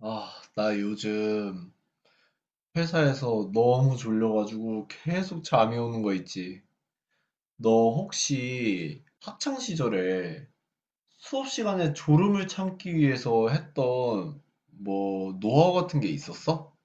아, 나 요즘 회사에서 너무 졸려가지고 계속 잠이 오는 거 있지. 너 혹시 학창 시절에 수업 시간에 졸음을 참기 위해서 했던 뭐 노하우 같은 게 있었어?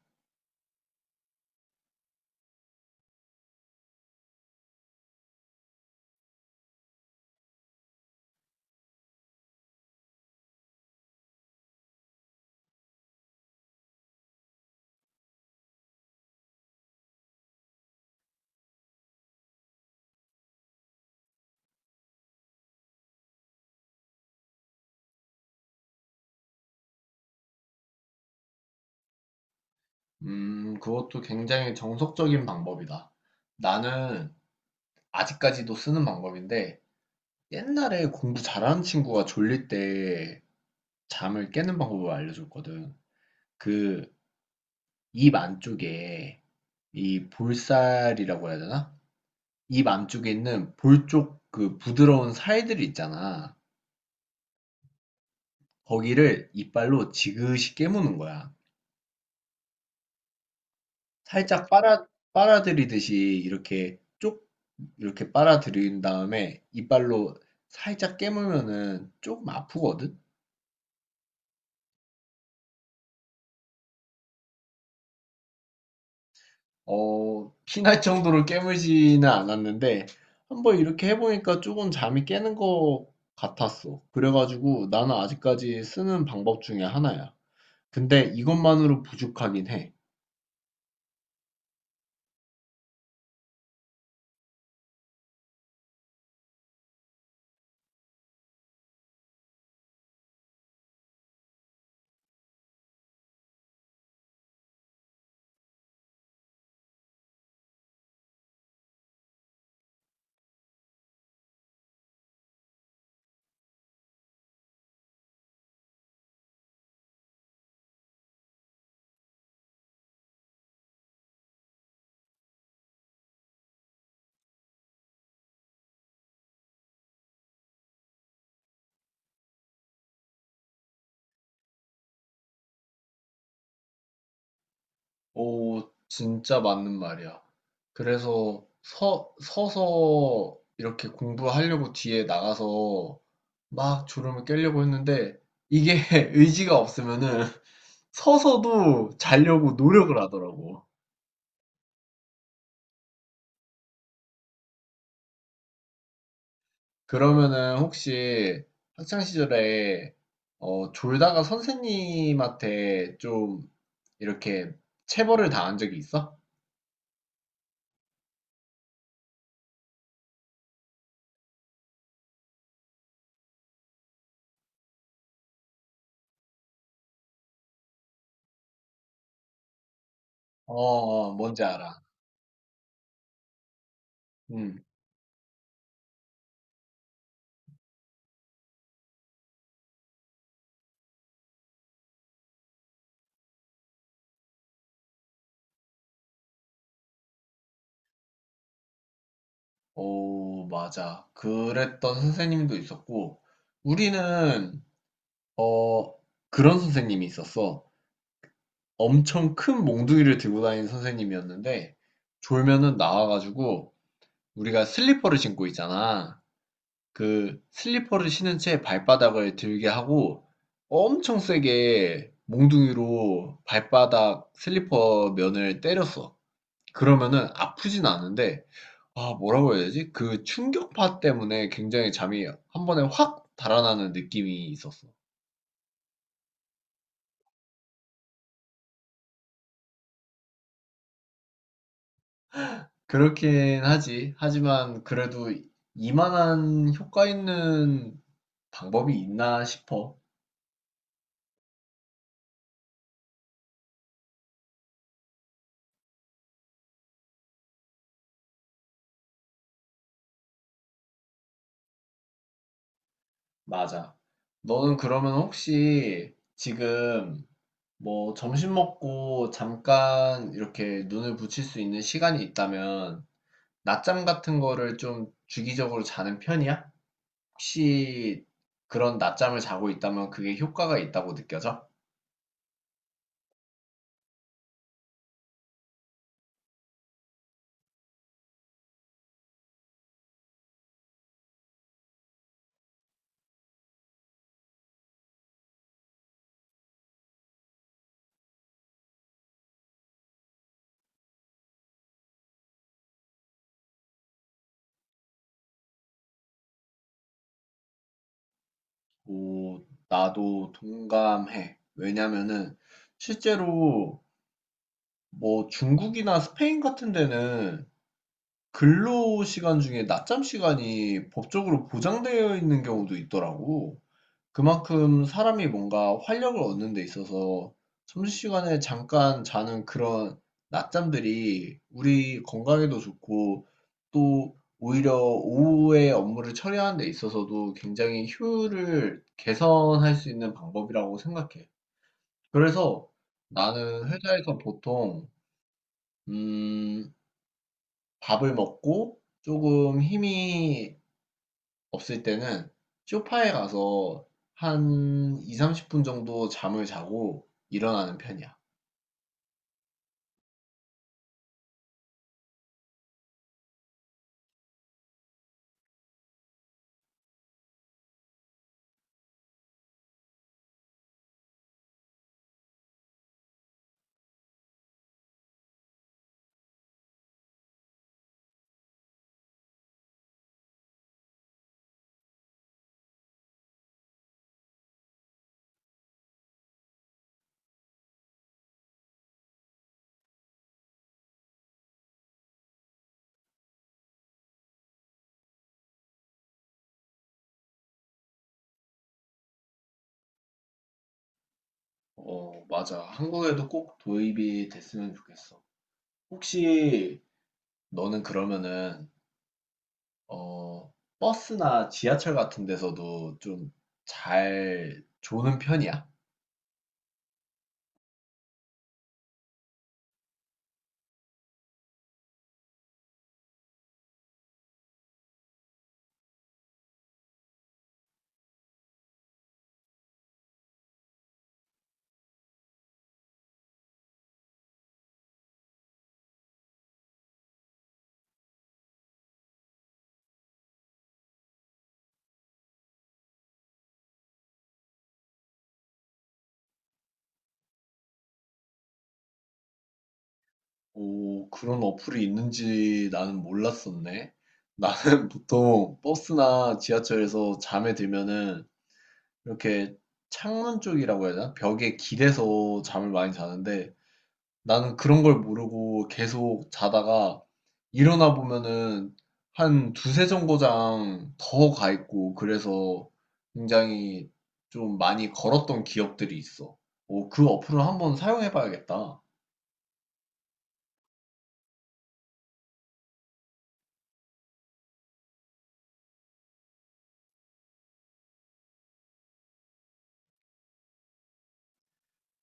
그것도 굉장히 정석적인 방법이다. 나는 아직까지도 쓰는 방법인데 옛날에 공부 잘하는 친구가 졸릴 때 잠을 깨는 방법을 알려줬거든. 그 입 안쪽에 이 볼살이라고 해야 되나? 입 안쪽에 있는 볼쪽 그 부드러운 살들이 있잖아. 거기를 이빨로 지그시 깨무는 거야. 살짝 빨아, 빨아들이듯이 이렇게 쪽, 이렇게 빨아들인 다음에 이빨로 살짝 깨물면은 조금 아프거든? 어, 피날 정도로 깨물지는 않았는데, 한번 이렇게 해보니까 조금 잠이 깨는 것 같았어. 그래가지고 나는 아직까지 쓰는 방법 중에 하나야. 근데 이것만으로 부족하긴 해. 오, 진짜 맞는 말이야. 그래서 서서 이렇게 공부하려고 뒤에 나가서 막 졸음을 깨려고 했는데 이게 의지가 없으면은 서서도 자려고 노력을 하더라고. 그러면은 혹시 학창 시절에 어, 졸다가 선생님한테 좀 이렇게 체벌을 당한 적이 있어? 어, 어, 뭔지 알아. 음. 오, 맞아. 그랬던 선생님도 있었고, 우리는, 어, 그런 선생님이 있었어. 엄청 큰 몽둥이를 들고 다니는 선생님이었는데, 졸면은 나와가지고, 우리가 슬리퍼를 신고 있잖아. 그 슬리퍼를 신은 채 발바닥을 들게 하고, 엄청 세게 몽둥이로 발바닥 슬리퍼 면을 때렸어. 그러면은 아프진 않은데, 아, 뭐라고 해야 되지? 그 충격파 때문에 굉장히 잠이 한 번에 확 달아나는 느낌이 있었어. 그렇긴 하지. 하지만 그래도 이만한 효과 있는 방법이 있나 싶어. 맞아. 너는 그러면 혹시 지금 뭐 점심 먹고 잠깐 이렇게 눈을 붙일 수 있는 시간이 있다면 낮잠 같은 거를 좀 주기적으로 자는 편이야? 혹시 그런 낮잠을 자고 있다면 그게 효과가 있다고 느껴져? 오, 나도 동감해. 왜냐면은 실제로 뭐 중국이나 스페인 같은 데는 근로 시간 중에 낮잠 시간이 법적으로 보장되어 있는 경우도 있더라고. 그만큼 사람이 뭔가 활력을 얻는 데 있어서 점심시간에 잠깐 자는 그런 낮잠들이 우리 건강에도 좋고 또 오히려 오후에 업무를 처리하는 데 있어서도 굉장히 효율을 개선할 수 있는 방법이라고 생각해. 그래서 나는 회사에서 보통 음, 밥을 먹고 조금 힘이 없을 때는 쇼파에 가서 한 20, 30분 정도 잠을 자고 일어나는 편이야. 어, 맞아. 한국에도 꼭 도입이 됐으면 좋겠어. 혹시 너는 그러면은 어, 버스나 지하철 같은 데서도 좀 잘 조는 편이야? 오, 그런 어플이 있는지 나는 몰랐었네. 나는 보통 버스나 지하철에서 잠에 들면은 이렇게 창문 쪽이라고 해야 되나? 벽에 기대서 잠을 많이 자는데 나는 그런 걸 모르고 계속 자다가 일어나 보면은 한 두세 정거장 더 가 있고 그래서 굉장히 좀 많이 걸었던 기억들이 있어. 어, 그 어플을 한번 사용해 봐야겠다.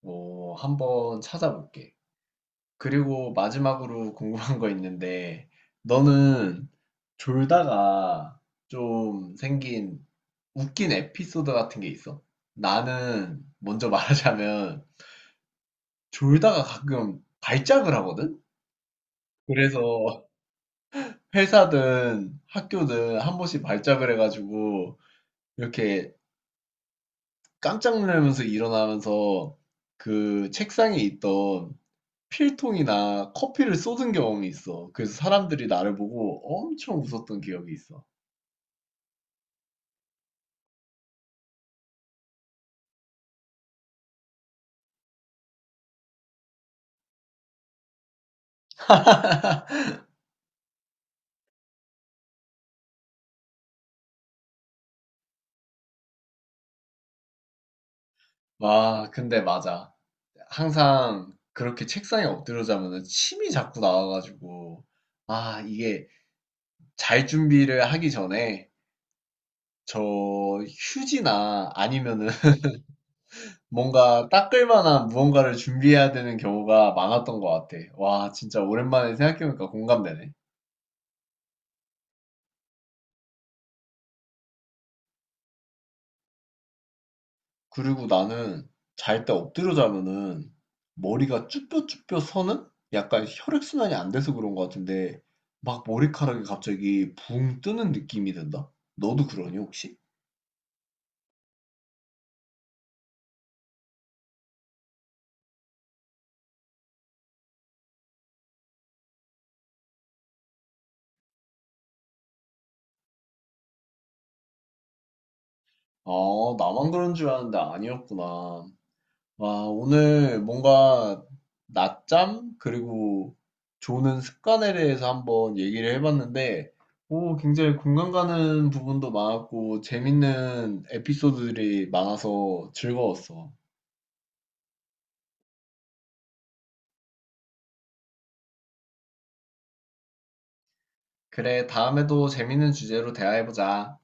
어, 한번 찾아볼게. 그리고 마지막으로 궁금한 거 있는데 너는 졸다가 좀 생긴 웃긴 에피소드 같은 게 있어? 나는 먼저 말하자면 졸다가 가끔 발작을 하거든? 그래서 회사든 학교든 한 번씩 발작을 해가지고 이렇게 깜짝 놀라면서 일어나면서 그 책상에 있던 필통이나 커피를 쏟은 경험이 있어. 그래서 사람들이 나를 보고 엄청 웃었던 기억이 있어. 와, 근데 맞아. 항상 그렇게 책상에 엎드려 자면은 침이 자꾸 나와가지고, 아, 이게 잘 준비를 하기 전에 저 휴지나 아니면은 뭔가 닦을 만한 무언가를 준비해야 되는 경우가 많았던 것 같아. 와, 진짜 오랜만에 생각해보니까 공감되네. 그리고 나는 잘 때 엎드려 자면은 머리가 쭈뼛쭈뼛 서는 약간 혈액순환이 안 돼서 그런 것 같은데 막 머리카락이 갑자기 붕 뜨는 느낌이 든다? 너도 그러니 혹시? 아, 나만 그런 줄 아는데 아니었구나. 아, 오늘 뭔가 낮잠 그리고 조는 습관에 대해서 한번 얘기를 해봤는데 오, 굉장히 공감 가는 부분도 많았고 재밌는 에피소드들이 많아서 즐거웠어. 그래, 다음에도 재밌는 주제로 대화해보자.